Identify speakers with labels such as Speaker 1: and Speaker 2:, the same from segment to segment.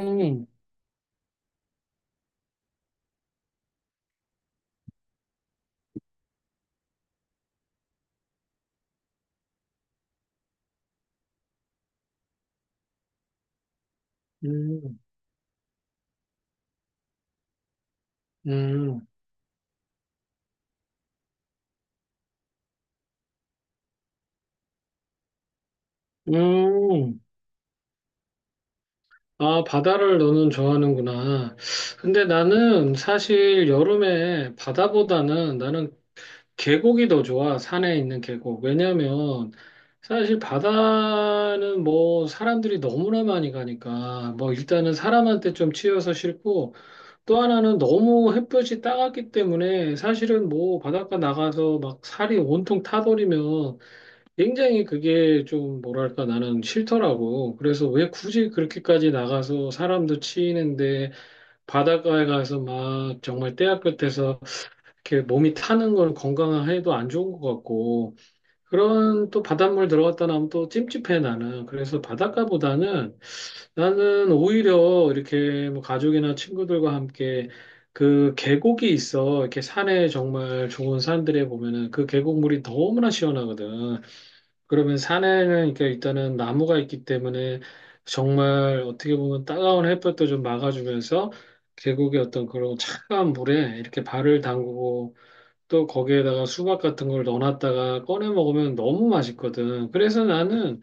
Speaker 1: 음, 음, 음, 음. 아, 바다를 너는 좋아하는구나. 근데 나는 사실 여름에 바다보다는 나는 계곡이 더 좋아. 산에 있는 계곡. 왜냐면 사실 바다는 뭐 사람들이 너무나 많이 가니까 뭐 일단은 사람한테 좀 치여서 싫고, 또 하나는 너무 햇볕이 따갑기 때문에 사실은 뭐 바닷가 나가서 막 살이 온통 타버리면 굉장히 그게 좀 뭐랄까 나는 싫더라고. 그래서 왜 굳이 그렇게까지 나가서 사람도 치이는데 바닷가에 가서 막 정말 때야 끝에서 이렇게 몸이 타는 건 건강해도 안 좋은 것 같고, 그런 또 바닷물 들어갔다 나면 또 찜찜해 나는. 그래서 바닷가보다는 나는 오히려 이렇게 뭐 가족이나 친구들과 함께 그 계곡이 있어. 이렇게 산에 정말 좋은 산들에 보면은 그 계곡물이 너무나 시원하거든. 그러면 산에는 그러니까 일단은 나무가 있기 때문에 정말 어떻게 보면 따가운 햇볕도 좀 막아주면서 계곡의 어떤 그런 차가운 물에 이렇게 발을 담그고 또 거기에다가 수박 같은 걸 넣어놨다가 꺼내 먹으면 너무 맛있거든. 그래서 나는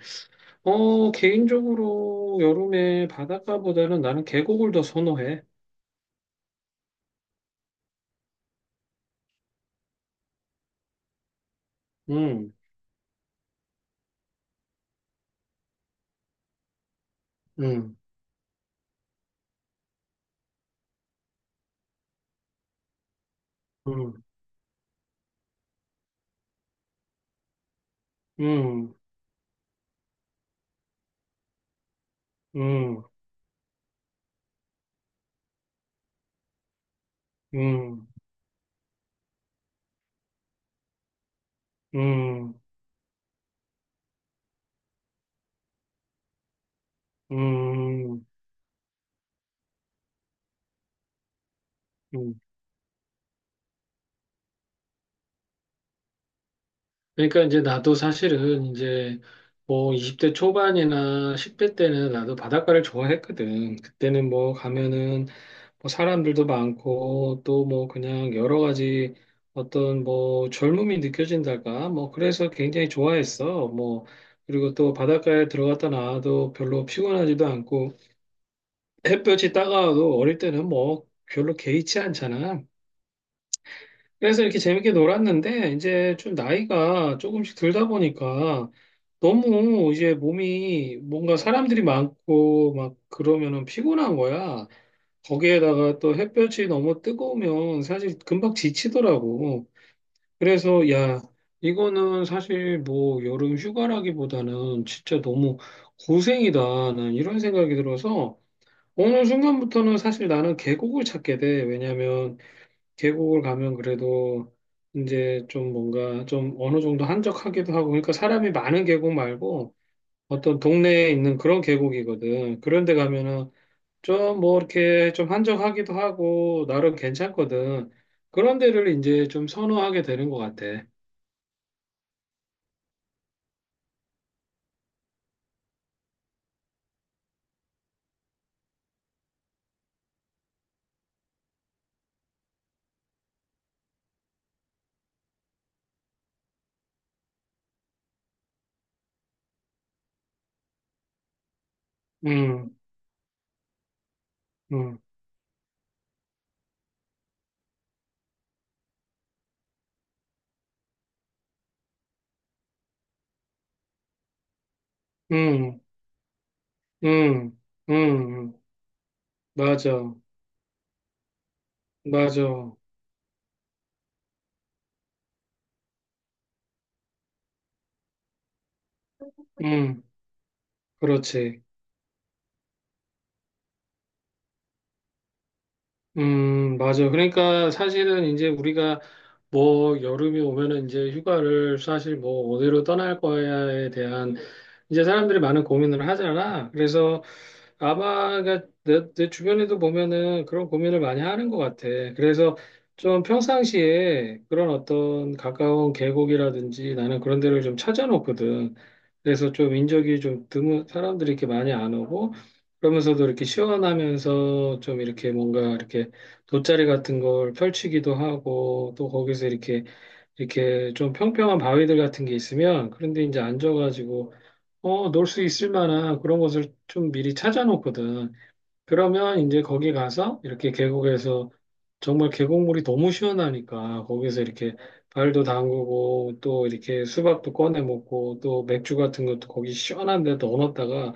Speaker 1: 개인적으로 여름에 바닷가보다는 나는 계곡을 더 선호해. 음, 음, 음, 음, 음, 음, 음, 음, 음. 그러니까 이제 나도 사실은 이제 뭐 20대 초반이나 10대 때는 나도 바닷가를 좋아했거든. 그때는 뭐 가면은 뭐 사람들도 많고 또 뭐 그냥 여러 가지 어떤 뭐 젊음이 느껴진달까? 뭐 그래서 굉장히 좋아했어. 뭐 그리고 또 바닷가에 들어갔다 나와도 별로 피곤하지도 않고 햇볕이 따가워도 어릴 때는 뭐 별로 개의치 않잖아. 그래서 이렇게 재밌게 놀았는데 이제 좀 나이가 조금씩 들다 보니까 너무 이제 몸이 뭔가 사람들이 많고 막 그러면은 피곤한 거야. 거기에다가 또 햇볕이 너무 뜨거우면 사실 금방 지치더라고. 그래서 야, 이거는 사실 뭐 여름 휴가라기보다는 진짜 너무 고생이다. 난 이런 생각이 들어서 어느 순간부터는 사실 나는 계곡을 찾게 돼. 왜냐면 계곡을 가면 그래도 이제 좀 뭔가 좀 어느 정도 한적하기도 하고 그러니까 사람이 많은 계곡 말고 어떤 동네에 있는 그런 계곡이거든. 그런데 가면은 좀 뭐 이렇게 좀 한적하기도 하고 나름 괜찮거든. 그런 데를 이제 좀 선호하게 되는 것 같아. 음, 음, 음, 음, 음, 음. 맞아, 맞아. 음, 그렇지. 맞아. 그러니까 사실은 이제 우리가 뭐 여름이 오면은 이제 휴가를 사실 뭐 어디로 떠날 거야에 대한 이제 사람들이 많은 고민을 하잖아. 그래서 아마 그러니까 내 주변에도 보면은 그런 고민을 많이 하는 것 같아. 그래서 좀 평상시에 그런 어떤 가까운 계곡이라든지 나는 그런 데를 좀 찾아놓거든. 그래서 좀 인적이 좀 드문 사람들이 이렇게 많이 안 오고, 그러면서도 이렇게 시원하면서 좀 이렇게 뭔가 이렇게 돗자리 같은 걸 펼치기도 하고 또 거기서 이렇게 좀 평평한 바위들 같은 게 있으면 그런데 이제 앉아가지고 어, 놀 수 있을 만한 그런 곳을 좀 미리 찾아놓거든. 그러면 이제 거기 가서 이렇게 계곡에서 정말 계곡물이 너무 시원하니까 거기서 이렇게 발도 담그고 또 이렇게 수박도 꺼내 먹고 또 맥주 같은 것도 거기 시원한 데 넣어놨다가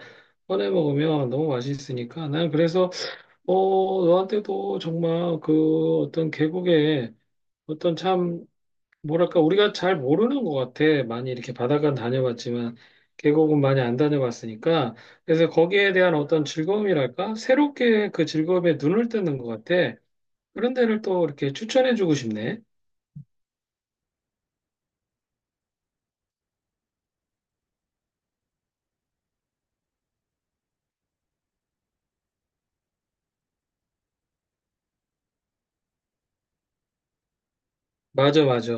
Speaker 1: 꺼내 먹으면 너무 맛있으니까 난. 그래서 어, 너한테도 정말 그 어떤 계곡에 어떤 참 뭐랄까 우리가 잘 모르는 것 같아. 많이 이렇게 바닷가 다녀봤지만 계곡은 많이 안 다녀봤으니까. 그래서 거기에 대한 어떤 즐거움이랄까 새롭게 그 즐거움에 눈을 뜨는 것 같아. 그런 데를 또 이렇게 추천해주고 싶네. 맞아, 맞아.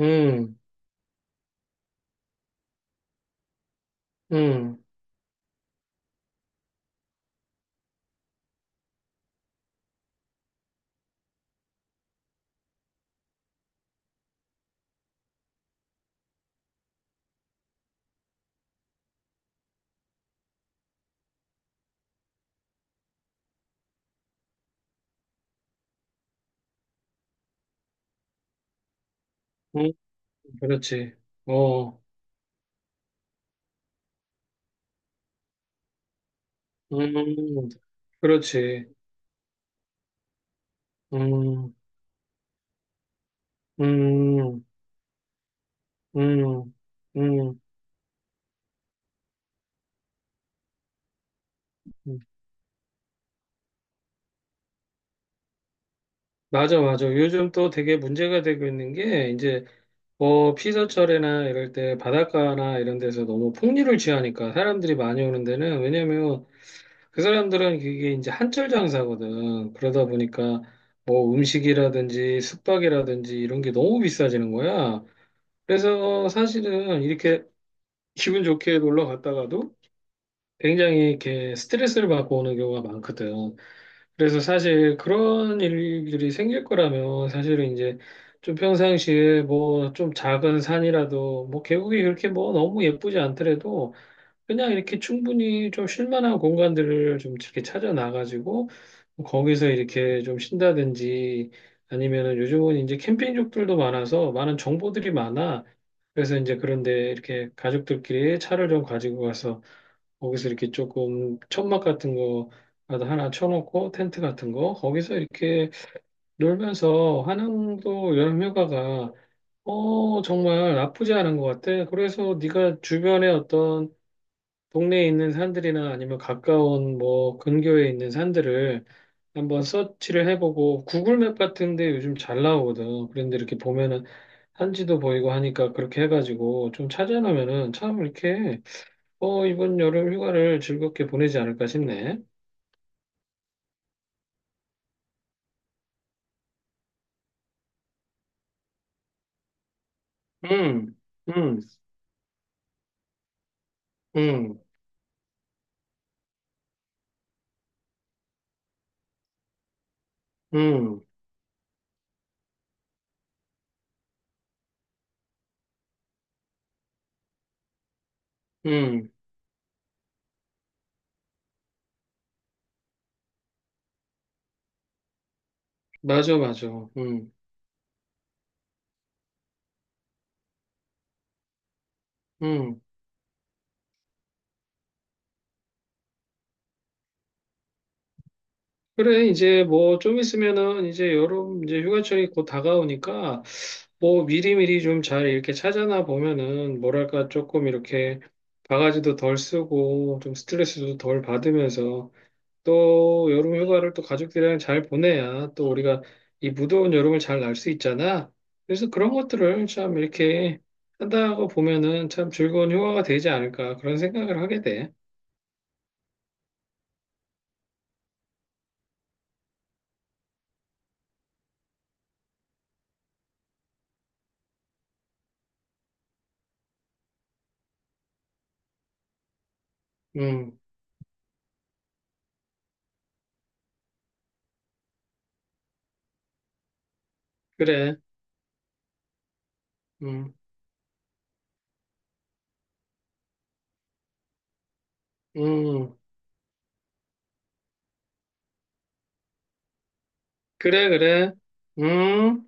Speaker 1: 음, 음, 음, 그렇지. 어, 음, 그렇지. 음, 음, 음, 음. 음. 맞아, 맞아. 요즘 또 되게 문제가 되고 있는 게, 이제 어, 피서철이나 이럴 때 바닷가나 이런 데서 너무 풍류를 취하니까 사람들이 많이 오는 데는, 왜냐면 그 사람들은 그게 이제 한철 장사거든. 그러다 보니까 뭐 음식이라든지 숙박이라든지 이런 게 너무 비싸지는 거야. 그래서 사실은 이렇게 기분 좋게 놀러 갔다가도 굉장히 이렇게 스트레스를 받고 오는 경우가 많거든. 그래서 사실 그런 일들이 생길 거라면 사실은 이제 좀 평상시에 뭐 좀 작은 산이라도 뭐 계곡이 그렇게 뭐 너무 예쁘지 않더라도 그냥 이렇게 충분히 좀 쉴만한 공간들을 좀 이렇게 찾아 나가지고 거기서 이렇게 좀 쉰다든지 아니면은 요즘은 이제 캠핑족들도 많아서 많은 정보들이 많아. 그래서 이제 그런데 이렇게 가족들끼리 차를 좀 가지고 가서 거기서 이렇게 조금 천막 같은 거 하나 쳐놓고 텐트 같은 거 거기서 이렇게 놀면서 한양도 여름휴가가 어 정말 나쁘지 않은 것 같아. 그래서 네가 주변에 어떤 동네에 있는 산들이나 아니면 가까운 뭐 근교에 있는 산들을 한번 서치를 해보고 구글맵 같은데 요즘 잘 나오거든. 그런데 이렇게 보면은 산지도 보이고 하니까 그렇게 해가지고 좀 찾아놓으면은 참 이렇게 어, 이번 여름 휴가를 즐겁게 보내지 않을까 싶네. 음, 음, 음, 음, 음. 맞아, 맞아. 음, 음. 그래, 이제 뭐 좀 있으면은 이제 여름 이제 휴가철이 곧 다가오니까 뭐 미리미리 좀 잘 이렇게 찾아나 보면은 뭐랄까 조금 이렇게 바가지도 덜 쓰고 좀 스트레스도 덜 받으면서 또 여름 휴가를 또 가족들이랑 잘 보내야 또 우리가 이 무더운 여름을 잘 날 수 있잖아. 그래서 그런 것들을 참 이렇게 한다고 보면은 참 즐거운 휴가가 되지 않을까 그런 생각을 하게 돼. 음, 그래. 음, 음, 그래, 그래. 음.